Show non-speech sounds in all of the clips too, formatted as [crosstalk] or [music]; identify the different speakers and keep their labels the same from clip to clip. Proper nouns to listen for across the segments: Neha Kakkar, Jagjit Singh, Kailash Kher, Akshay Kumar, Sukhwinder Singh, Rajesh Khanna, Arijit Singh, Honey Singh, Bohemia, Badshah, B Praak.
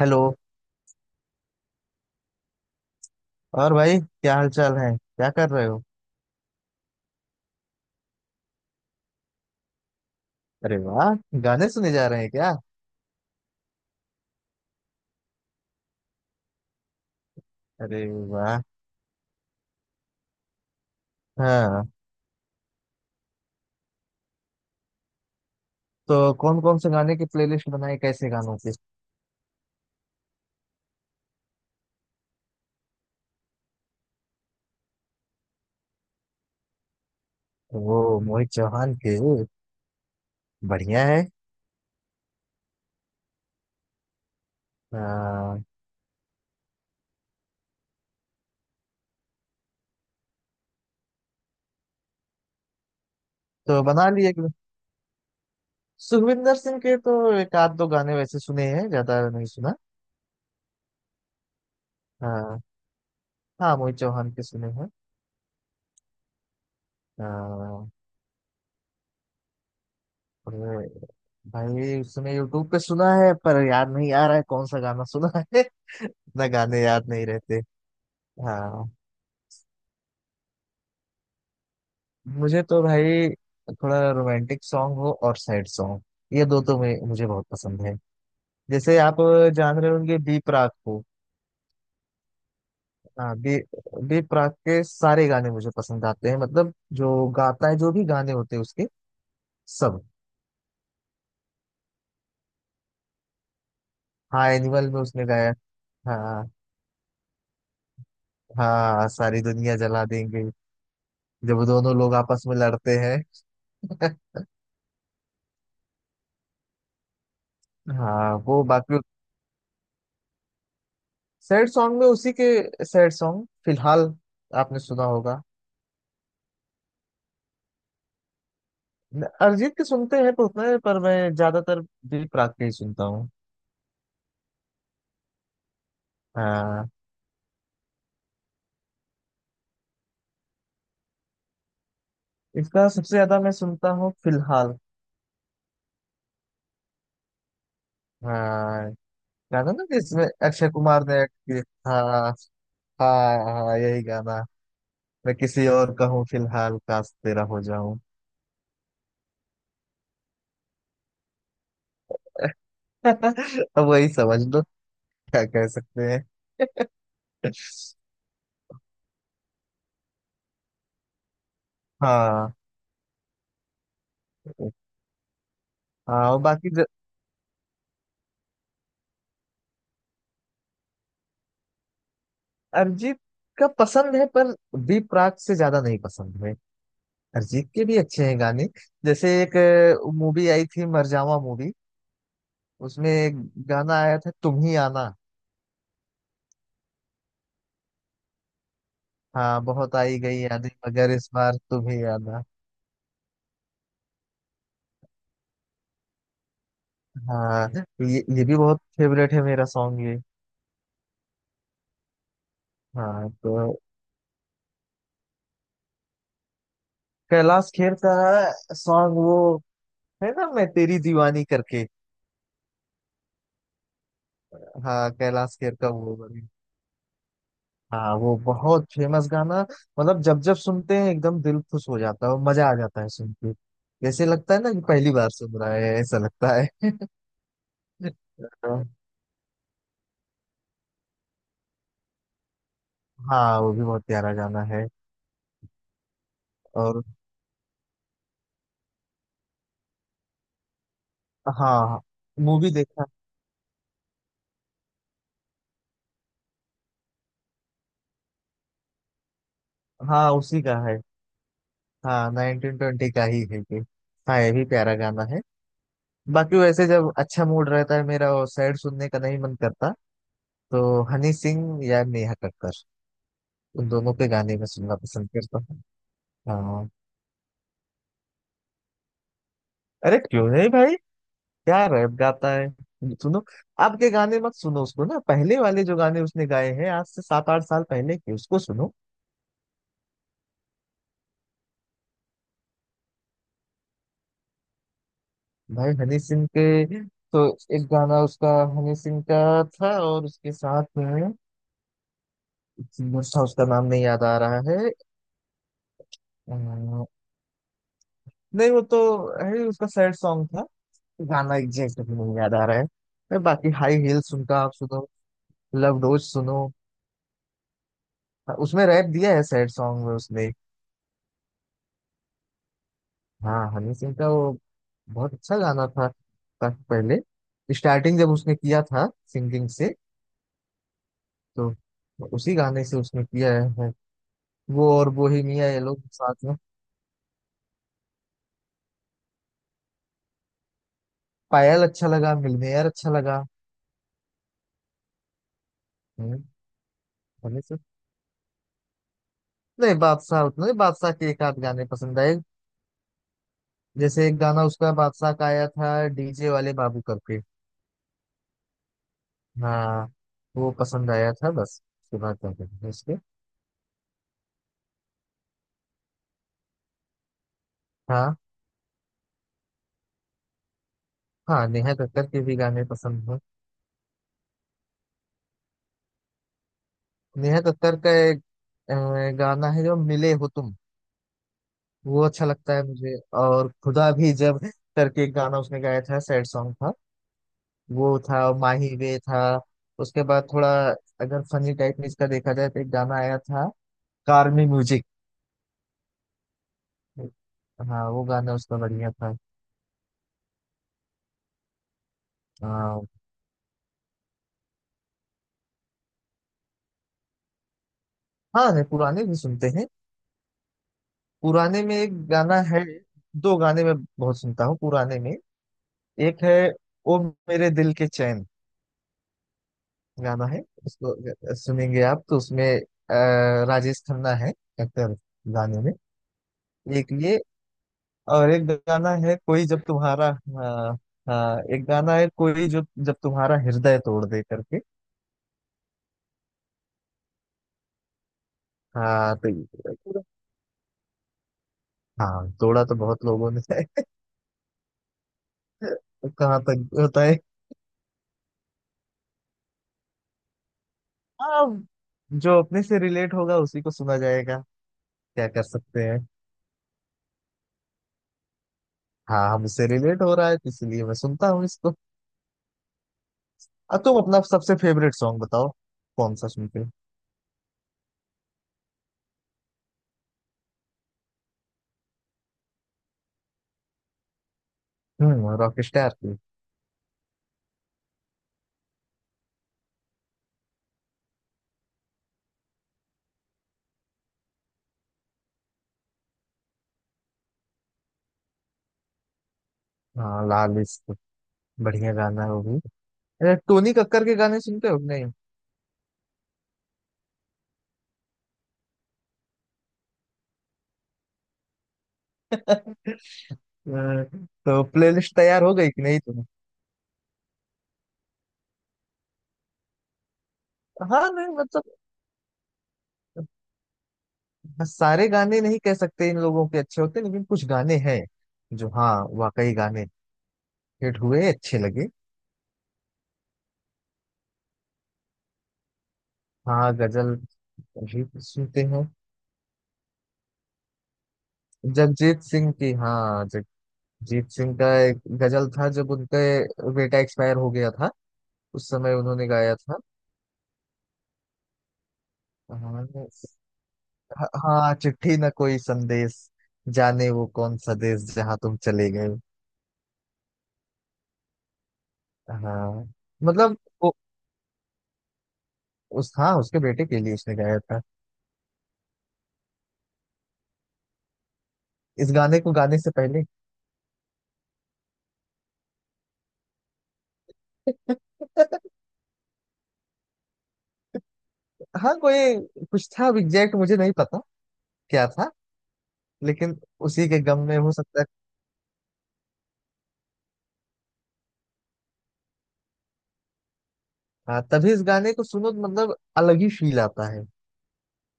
Speaker 1: Hello. और भाई क्या हाल चाल है, क्या कर रहे हो? अरे वाह, गाने सुने जा रहे हैं क्या? अरे वाह। हाँ, तो कौन कौन से गाने की प्लेलिस्ट बनाई, कैसे गानों की? वो मोहित चौहान के। बढ़िया है। हाँ, तो सुखविंदर सिंह के तो एक आध दो गाने वैसे सुने हैं, ज्यादा नहीं सुना। हाँ। हाँ, मोहित चौहान के सुने हैं। हाँ, और भाई उसने यूट्यूब पे सुना है पर याद नहीं आ रहा है कौन सा गाना सुना है। [laughs] ना, गाने याद नहीं रहते। हाँ, मुझे तो भाई थोड़ा रोमांटिक सॉन्ग हो और सैड सॉन्ग, ये दो तो मैं मुझे बहुत पसंद है। जैसे आप जान रहे होंगे बी प्राक को। हाँ, बी बी प्राक के सारे गाने मुझे पसंद आते हैं। मतलब जो गाता है, जो भी गाने होते हैं उसके, सब। हाँ, एनिमल में उसने गाया। हाँ हाँ, सारी दुनिया जला देंगे। जब वो दोनों लोग आपस में लड़ते हैं। [laughs] हाँ, वो बाकी सैड सॉन्ग में उसी के सैड सॉन्ग फिलहाल आपने सुना होगा। अरिजीत के सुनते हैं तो उतने पर मैं ज्यादातर दिल प्राग के ही सुनता हूँ। हाँ, इसका सबसे ज्यादा मैं सुनता हूँ फिलहाल। हाँ, गाना ना जिसमें अक्षय कुमार ने act किया। हाँ हाँ, हाँ यही गाना। मैं किसी और का हूँ फिलहाल, काश तेरा हो जाऊं। [laughs] अब वही समझ लो, क्या कह सकते हैं। [laughs] हाँ। हाँ और बाकी अरिजीत का पसंद है पर बी प्राक से ज्यादा नहीं पसंद है। अरिजीत के भी अच्छे हैं गाने। जैसे एक मूवी आई थी, मरजावा मूवी। उसमें एक गाना आया था, तुम ही आना। हाँ बहुत आई गई यादें मगर इस बार तुम ही आना। हाँ, ये भी बहुत फेवरेट है मेरा सॉन्ग ये। हाँ। तो कैलाश खेर का सॉन्ग वो है ना, मैं तेरी दीवानी करके। हाँ कैलाश खेर का वो। हाँ वो बहुत फेमस गाना। मतलब जब जब सुनते हैं एकदम दिल खुश हो जाता है और मजा आ जाता है सुन के। जैसे लगता है ना कि पहली बार सुन रहा है, ऐसा लगता है। [laughs] हाँ, वो भी बहुत प्यारा गाना है। और हाँ, मूवी देखा। हाँ उसी का है। हाँ, 1920 का ही है ये। हाँ, ये भी प्यारा गाना है। बाकी वैसे जब अच्छा मूड रहता है मेरा और सैड सुनने का नहीं मन करता, तो हनी सिंह या नेहा कक्कर, उन दोनों के गाने में सुनना पसंद करता हूँ। हाँ। अरे क्यों नहीं भाई, क्या रैप गाता है। सुनो, अब के गाने मत सुनो उसको, ना पहले वाले जो गाने उसने गाए हैं आज से 7-8 साल पहले के, उसको सुनो। भाई हनी सिंह के तो एक गाना उसका, हनी सिंह का था और उसके साथ में एक सिंगर था, उसका नाम नहीं याद आ रहा है। अम, नहीं वो तो है उसका। सैड सॉन्ग था। गाना एग्जैक्ट भी नहीं याद आ रहा है। अरे बाकी हाई हील्स उनका आप सुनो। लव डोज सुनो, उसमें रैप दिया है सैड सॉन्ग में उसने। हाँ हनी सिंह का वो बहुत अच्छा गाना था। काफी पहले, स्टार्टिंग जब उसने किया था सिंगिंग से, तो उसी गाने से उसने किया है। वो और बोहेमिया ये लोग साथ में। पायल अच्छा लगा, मिलनेयर अच्छा लगा। हम्म, हनी सिंह। नहीं, बादशाह उतना नहीं। बादशाह के एक आध गाने पसंद आए। जैसे एक गाना उसका बादशाह का आया था, डीजे वाले बाबू करके। हाँ वो पसंद आया था, बस उसके बाद क्या करेंगे उसके। हाँ। हाँ नेहा कक्कर के भी गाने पसंद हैं। नेहा कक्कड़ का एक अ, गाना है, जो मिले हो तुम। वो अच्छा लगता है मुझे। और खुदा भी जब करके एक गाना उसने गाया था, सैड सॉन्ग था। वो था, और माही वे था। उसके बाद थोड़ा अगर फनी टाइप में इसका देखा जाए तो एक गाना आया था, कार में म्यूजिक। हाँ वो गाना उसका बढ़िया था। हाँ। हाँ नहीं, पुराने भी सुनते हैं। पुराने में एक गाना है, दो गाने मैं बहुत सुनता हूँ पुराने में। एक है ओ मेरे दिल के चैन गाना है। उसको अगर सुनेंगे आप तो उसमें अ, राजेश खन्ना है, एक्टर। गाने में एक ये, और एक गाना है, कोई जब तुम्हारा। हाँ। हाँ, एक गाना है, कोई जो जब तुम्हारा हृदय तोड़ दे करके। हाँ हाँ तोड़ा तो बहुत लोगों ने है। [laughs] कहाँ तक होता है। हाँ, जो अपने से रिलेट होगा उसी को सुना जाएगा। क्या कर सकते हैं। हाँ हमसे रिलेट हो रहा है, तो इसलिए मैं सुनता हूँ इसको। अब तुम अपना सबसे फेवरेट सॉन्ग बताओ, कौन सा सुनते हो। हम्म, रॉकस्टार की। हाँ लाल इश्क, बढ़िया गाना है वो भी। अरे टोनी कक्कर के गाने सुनते हो कि नहीं? अ, तो प्लेलिस्ट तैयार हो गई कि नहीं तुम्हें? हाँ नहीं मतलब सारे गाने नहीं कह सकते इन लोगों के अच्छे होते, लेकिन कुछ गाने हैं जो, हाँ वाकई गाने हिट हुए, अच्छे लगे। हाँ गजल भी सुनते हैं। जगजीत सिंह की, हाँ जगजीत सिंह का एक गजल था, जब उनका बेटा एक्सपायर हो गया था उस समय उन्होंने गाया था। हाँ, हाँ चिट्ठी न कोई संदेश, जाने वो कौन सा देश, जहाँ तुम चले गए। हाँ। मतलब वो उस, हाँ उसके बेटे के लिए उसने गाया था। इस गाने को गाने से पहले। [laughs] हाँ कोई कुछ था, अब एग्जैक्ट मुझे नहीं पता क्या था। लेकिन उसी के गम में हो सकता है। हाँ, तभी इस गाने को सुनो तो मतलब अलग ही फील आता है।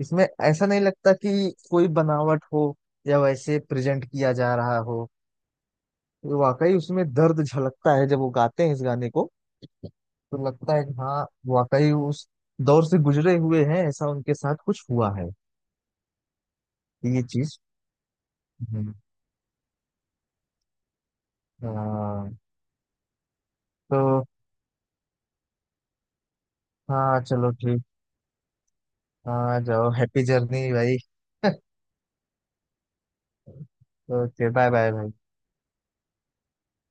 Speaker 1: इसमें ऐसा नहीं लगता कि कोई बनावट हो या वैसे प्रेजेंट किया जा रहा हो। वाकई उसमें दर्द झलकता है जब वो गाते हैं इस गाने को। तो लगता है कि हाँ, वाकई उस दौर से गुजरे हुए हैं, ऐसा उनके साथ कुछ हुआ है, ये चीज। हम्म, हाँ। तो हाँ चलो ठीक। हाँ जाओ, हैप्पी जर्नी भाई। [laughs] ओके, बाय बाय भाई।